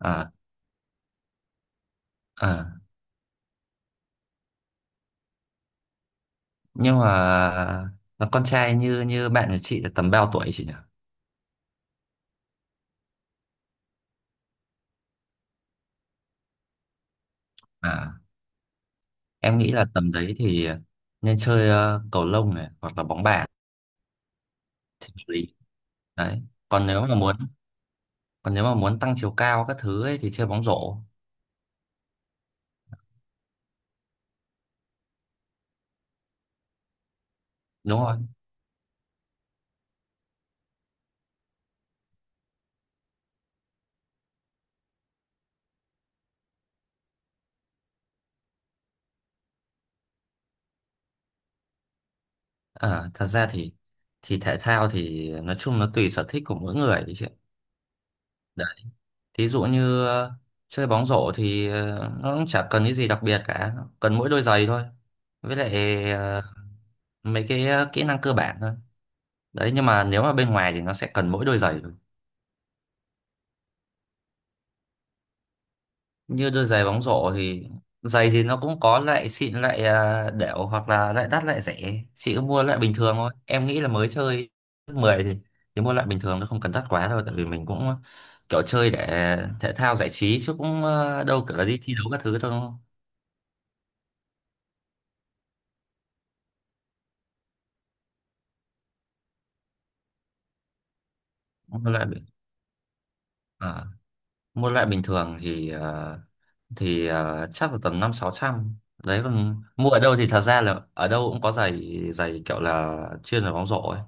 à, à. Nhưng mà con trai như như bạn của chị là tầm bao tuổi chị nhỉ? à em nghĩ là tầm đấy thì nên chơi cầu lông này hoặc là bóng bàn thì hợp lý. Đấy, còn nếu mà muốn còn nếu mà muốn tăng chiều cao các thứ ấy, thì chơi bóng rổ. Đúng rồi. Thật ra thì thể thao thì nói chung nó tùy sở thích của mỗi người ấy chị ạ. Đấy, thí dụ như chơi bóng rổ thì nó cũng chả cần cái gì đặc biệt cả, cần mỗi đôi giày thôi, với lại mấy cái kỹ năng cơ bản thôi. Đấy, nhưng mà nếu mà bên ngoài thì nó sẽ cần mỗi đôi giày thôi, như đôi giày bóng rổ thì giày thì nó cũng có loại xịn loại đểu, hoặc là loại đắt loại rẻ. Chị cứ mua loại bình thường thôi, em nghĩ là mới chơi lớp 10 thì mua loại bình thường, nó không cần đắt quá đâu, tại vì mình cũng kiểu chơi để thể thao giải trí chứ cũng đâu kiểu là đi thi đấu các thứ đâu, đúng không? mua loại bình- ờ, Mua loại bình thường thì chắc là tầm năm sáu trăm. Đấy, còn mua ở đâu thì thật ra là ở đâu cũng có giày, giày kiểu là chuyên về bóng rổ ấy,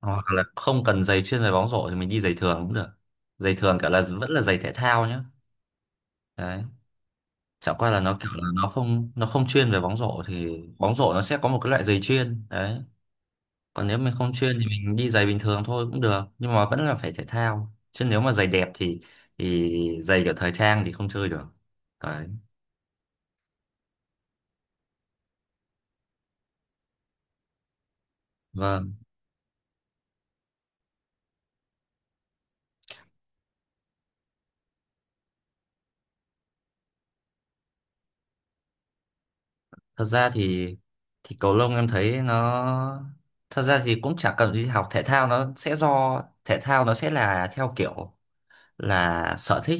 hoặc là không cần giày chuyên về bóng rổ thì mình đi giày thường cũng được. Giày thường kiểu là vẫn là giày thể thao nhá. Đấy, chẳng qua là nó kiểu là nó không chuyên về bóng rổ, thì bóng rổ nó sẽ có một cái loại giày chuyên đấy. Còn nếu mình không chuyên thì mình đi giày bình thường thôi cũng được, nhưng mà vẫn là phải thể thao, chứ nếu mà giày đẹp thì giày kiểu thời trang thì không chơi được. Đấy. Vâng. Thật ra thì cầu lông em thấy nó, thật ra thì cũng chả cần đi học. Thể thao nó sẽ do thể thao nó sẽ là theo kiểu là sở thích.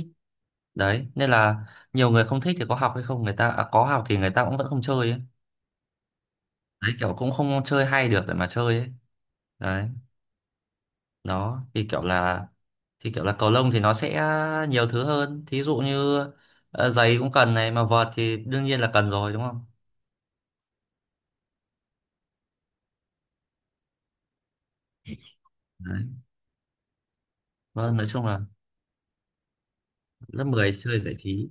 Đấy nên là nhiều người không thích thì có học hay không, người ta có học thì người ta cũng vẫn không chơi ấy. Đấy, kiểu cũng không chơi hay được để mà chơi ấy. Đấy, nó thì kiểu là cầu lông thì nó sẽ nhiều thứ hơn, thí dụ như giày cũng cần này, mà vợt thì đương nhiên là cần rồi đúng không. Đấy. Vâng, nói chung là lớp 10 chơi giải trí.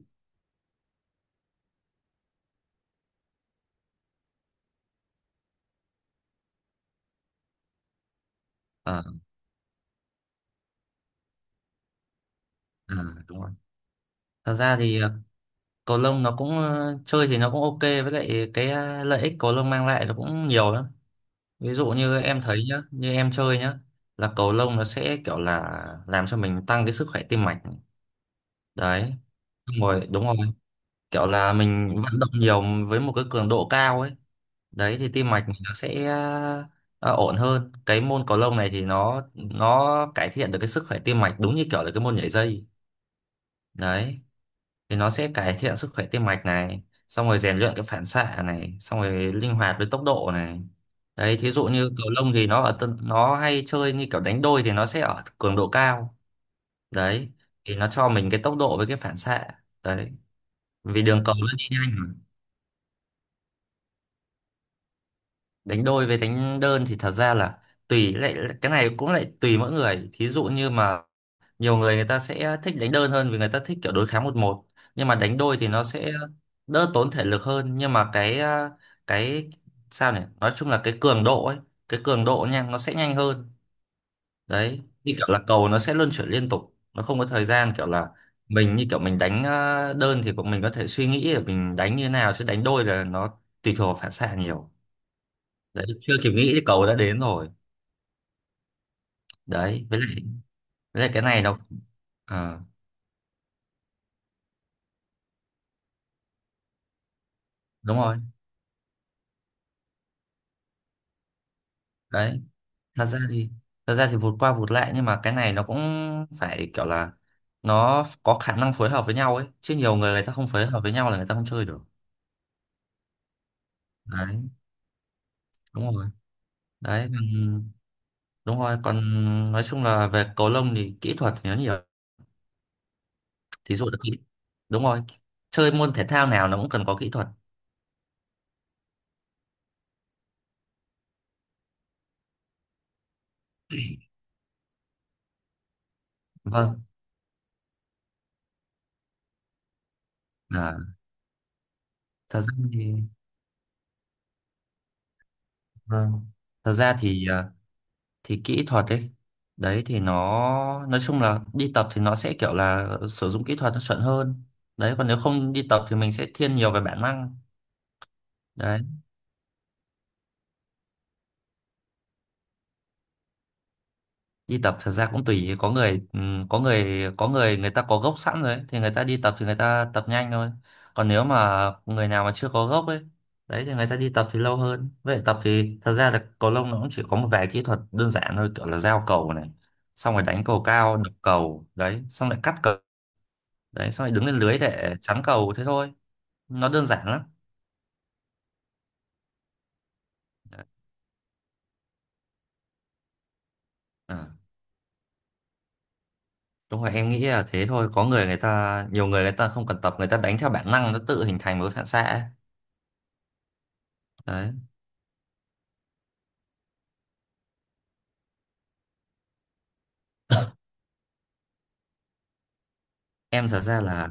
Ờ. À, đúng rồi. Thật ra thì cầu lông nó cũng chơi thì nó cũng ok, với lại cái lợi ích cầu lông mang lại nó cũng nhiều lắm. Ví dụ như em thấy nhá, như em chơi nhá, là cầu lông nó sẽ kiểu là làm cho mình tăng cái sức khỏe tim mạch. Đấy, đúng rồi, đúng rồi. Kiểu là mình vận động nhiều với một cái cường độ cao ấy. Đấy thì tim mạch mình nó sẽ ổn hơn. Cái môn cầu lông này thì nó cải thiện được cái sức khỏe tim mạch, đúng như kiểu là cái môn nhảy dây. Đấy. Thì nó sẽ cải thiện sức khỏe tim mạch này, xong rồi rèn luyện cái phản xạ này, xong rồi linh hoạt với tốc độ này. Đấy, thí dụ như cầu lông thì nó hay chơi như kiểu đánh đôi thì nó sẽ ở cường độ cao. Đấy thì nó cho mình cái tốc độ với cái phản xạ. Đấy, vì đường cầu nó đi nhanh mà. Đánh đôi với đánh đơn thì thật ra là tùy, lại cái này cũng lại tùy mỗi người. Thí dụ như mà nhiều người người ta sẽ thích đánh đơn hơn, vì người ta thích kiểu đối kháng một một. Nhưng mà đánh đôi thì nó sẽ đỡ tốn thể lực hơn, nhưng mà cái à, cái sao nhỉ, nói chung là cái cường độ ấy, cái cường độ nha nó sẽ nhanh hơn. Đấy như kiểu là cầu nó sẽ luân chuyển liên tục, nó không có thời gian kiểu là mình như kiểu mình đánh đơn thì cũng mình có thể suy nghĩ để mình đánh như thế nào, chứ đánh đôi là nó tùy thuộc vào phản xạ nhiều. Đấy, chưa kịp nghĩ thì cầu đã đến rồi. Đấy, với lại cái này nó Ờ, đúng rồi. Đấy, thật ra thì thật ra thì vụt qua vụt lại, nhưng mà cái này nó cũng phải kiểu là nó có khả năng phối hợp với nhau ấy, chứ nhiều người người ta không phối hợp với nhau là người ta không chơi được. Đấy, đúng rồi. đấy còn- Đúng rồi, còn nói chung là về cầu lông thì kỹ thuật thì nó nhiều, thí dụ là kỹ. Đúng rồi, chơi môn thể thao nào nó cũng cần có kỹ thuật. Vâng. à, thật ra thì Vâng, thật ra thì thì kỹ thuật ấy, đấy thì nó nói chung là đi tập thì nó sẽ kiểu là sử dụng kỹ thuật nó chuẩn hơn. Đấy, còn nếu không đi tập thì mình sẽ thiên nhiều về bản năng. Đấy. Đi tập thật ra cũng tùy, có người có người người ta có gốc sẵn rồi ấy, thì người ta đi tập thì người ta tập nhanh thôi. Còn nếu mà người nào mà chưa có gốc ấy, đấy thì người ta đi tập thì lâu hơn. Vậy tập thì thật ra là cầu lông nó cũng chỉ có một vài kỹ thuật đơn giản thôi, kiểu là giao cầu này, xong rồi đánh cầu cao, đập cầu đấy, xong lại cắt cầu. Đấy, xong rồi đứng lên lưới để chắn cầu thế thôi. Nó đơn giản lắm. Ờ, đúng rồi, em nghĩ là thế thôi. Có người người ta, nhiều người người ta không cần tập, người ta đánh theo bản năng, nó tự hình thành một cái phản xạ ấy. Đấy. Em thật ra là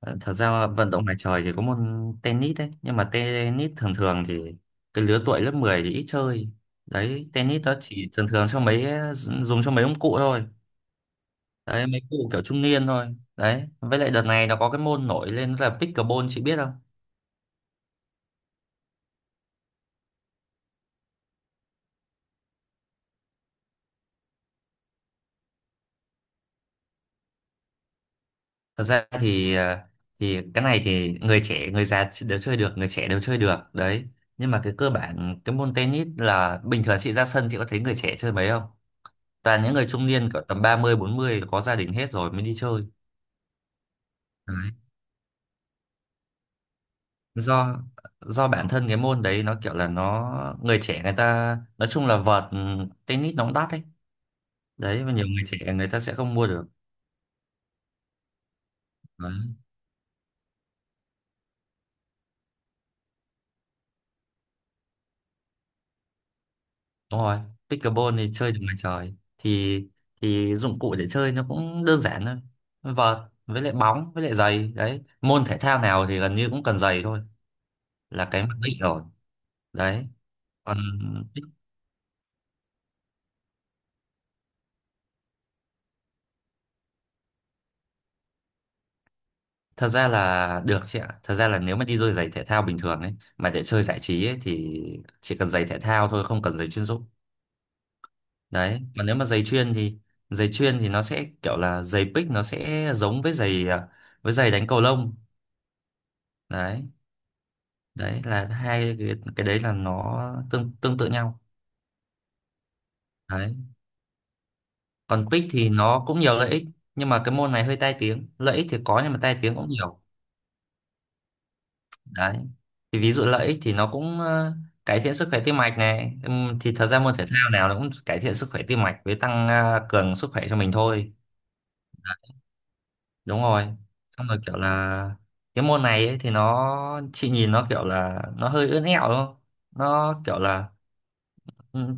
ờ, thật ra vận động ngoài trời thì có môn tennis đấy, nhưng mà tennis thường thường thì cái lứa tuổi lớp 10 thì ít chơi. Đấy, tennis nó chỉ thường thường cho mấy dùng cho mấy ông cụ thôi. Đấy, mấy cụ kiểu trung niên thôi. Đấy, với lại đợt này nó có cái môn nổi lên là pickleball, chị biết không? Thật ra thì thì cái này thì người trẻ người già đều chơi được, người trẻ đều chơi được. Đấy, nhưng mà cái cơ bản cái môn tennis là bình thường chị ra sân chị có thấy người trẻ chơi mấy không, toàn những người trung niên cỡ tầm ba mươi bốn mươi có gia đình hết rồi mới đi chơi. Đấy. Do do bản thân cái môn đấy nó kiểu là nó, người trẻ người ta nói chung là vợt tennis nó cũng đắt ấy. Đấy, và nhiều người trẻ người ta sẽ không mua được. Đấy. Đúng rồi, pickleball thì chơi được ngoài trời, thì dụng cụ để chơi nó cũng đơn giản thôi. Vợt với lại bóng với lại giày đấy. Môn thể thao nào thì gần như cũng cần giày thôi, là cái mặc định rồi. Đấy. Còn thật ra là được chị ạ. Thật ra là nếu mà đi đôi giày thể thao bình thường ấy mà để chơi giải trí ấy thì chỉ cần giày thể thao thôi, không cần giày chuyên dụng. Đấy, mà nếu mà giày chuyên thì nó sẽ kiểu là giày pick nó sẽ giống với giày với giày đánh cầu lông. Đấy, đấy là hai cái đấy là nó tương tương tự nhau. Đấy còn pick thì nó cũng nhiều lợi ích, nhưng mà cái môn này hơi tai tiếng. Lợi ích thì có nhưng mà tai tiếng cũng nhiều. Đấy, thì ví dụ lợi ích thì nó cũng cải thiện sức khỏe tim mạch này. Thì thật ra môn thể thao nào nó cũng cải thiện sức khỏe tim mạch với tăng cường sức khỏe cho mình thôi. Đúng rồi, xong rồi kiểu là cái môn này ấy, thì nó chị nhìn nó kiểu là nó hơi ướn ẹo đúng không, nó kiểu là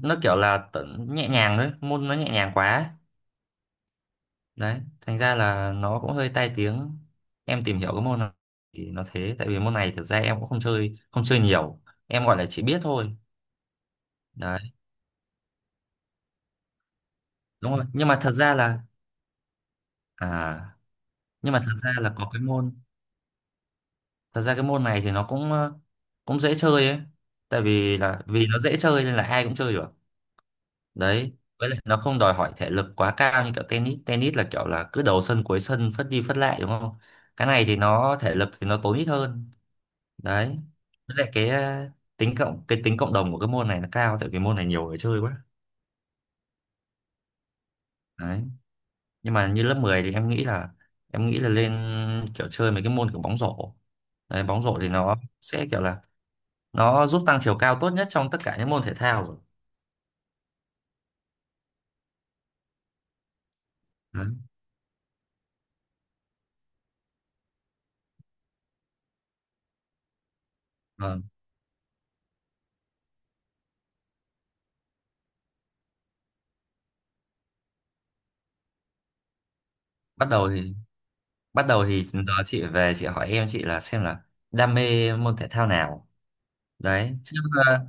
nhẹ nhàng. Đấy môn nó nhẹ nhàng quá ấy. Đấy thành ra là nó cũng hơi tai tiếng. Em tìm hiểu cái môn này thì nó thế, tại vì môn này thực ra em cũng không chơi nhiều, em gọi là chỉ biết thôi. Đấy, đúng rồi. À nhưng mà thật ra là có cái môn, thật ra cái môn này thì nó cũng cũng dễ chơi ấy, tại vì là vì nó dễ chơi nên là ai cũng chơi được. Đấy, với lại nó không đòi hỏi thể lực quá cao như kiểu tennis. Tennis là kiểu là cứ đầu sân cuối sân phất đi phất lại đúng không. Cái này thì nó thể lực thì nó tốn ít hơn. Đấy, với lại cái tính cộng cái tính cộng đồng của cái môn này nó cao, tại vì môn này nhiều người chơi quá. Đấy, nhưng mà như lớp 10 thì em nghĩ là lên kiểu chơi mấy cái môn kiểu bóng rổ. Đấy bóng rổ thì nó sẽ kiểu là nó giúp tăng chiều cao tốt nhất trong tất cả những môn thể thao rồi. Đấy. Vâng. Bắt đầu thì giờ chị về chị hỏi em chị là xem là đam mê môn thể thao nào. Đấy chứ ờ,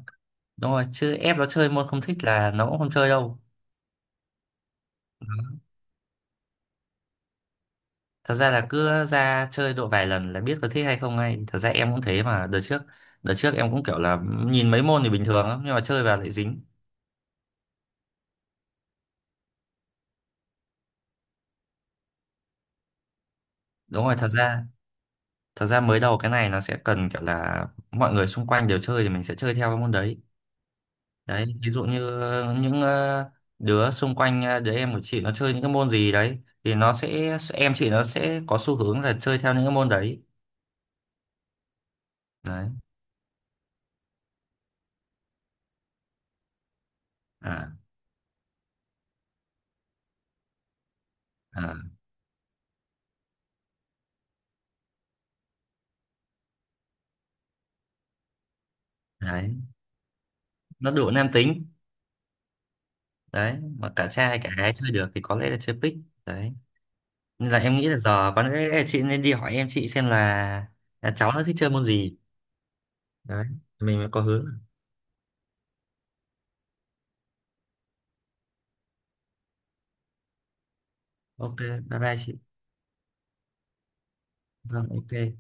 đúng rồi, chứ ép nó chơi môn không thích là nó cũng không chơi đâu. Thật ra là cứ ra chơi độ vài lần là biết có thích hay không ngay, thật ra em cũng thế mà. Đợt trước em cũng kiểu là nhìn mấy môn thì bình thường lắm, nhưng mà chơi vào lại dính. Đúng rồi, thật ra mới đầu cái này nó sẽ cần kiểu là mọi người xung quanh đều chơi, thì mình sẽ chơi theo cái môn đấy. Đấy ví dụ như những đứa xung quanh đứa em của chị nó chơi những cái môn gì đấy thì nó sẽ em chị nó sẽ có xu hướng là chơi theo những cái môn đấy. Đấy. À, à. Đấy nó đủ nam tính. Đấy mà cả trai cả gái chơi được thì có lẽ là chơi pick. Đấy nên là em nghĩ là giờ có lẽ là chị nên đi hỏi em chị xem là cháu nó thích chơi môn gì. Đấy mình mới có hướng. Ok, bye bye chị. Vâng, ok.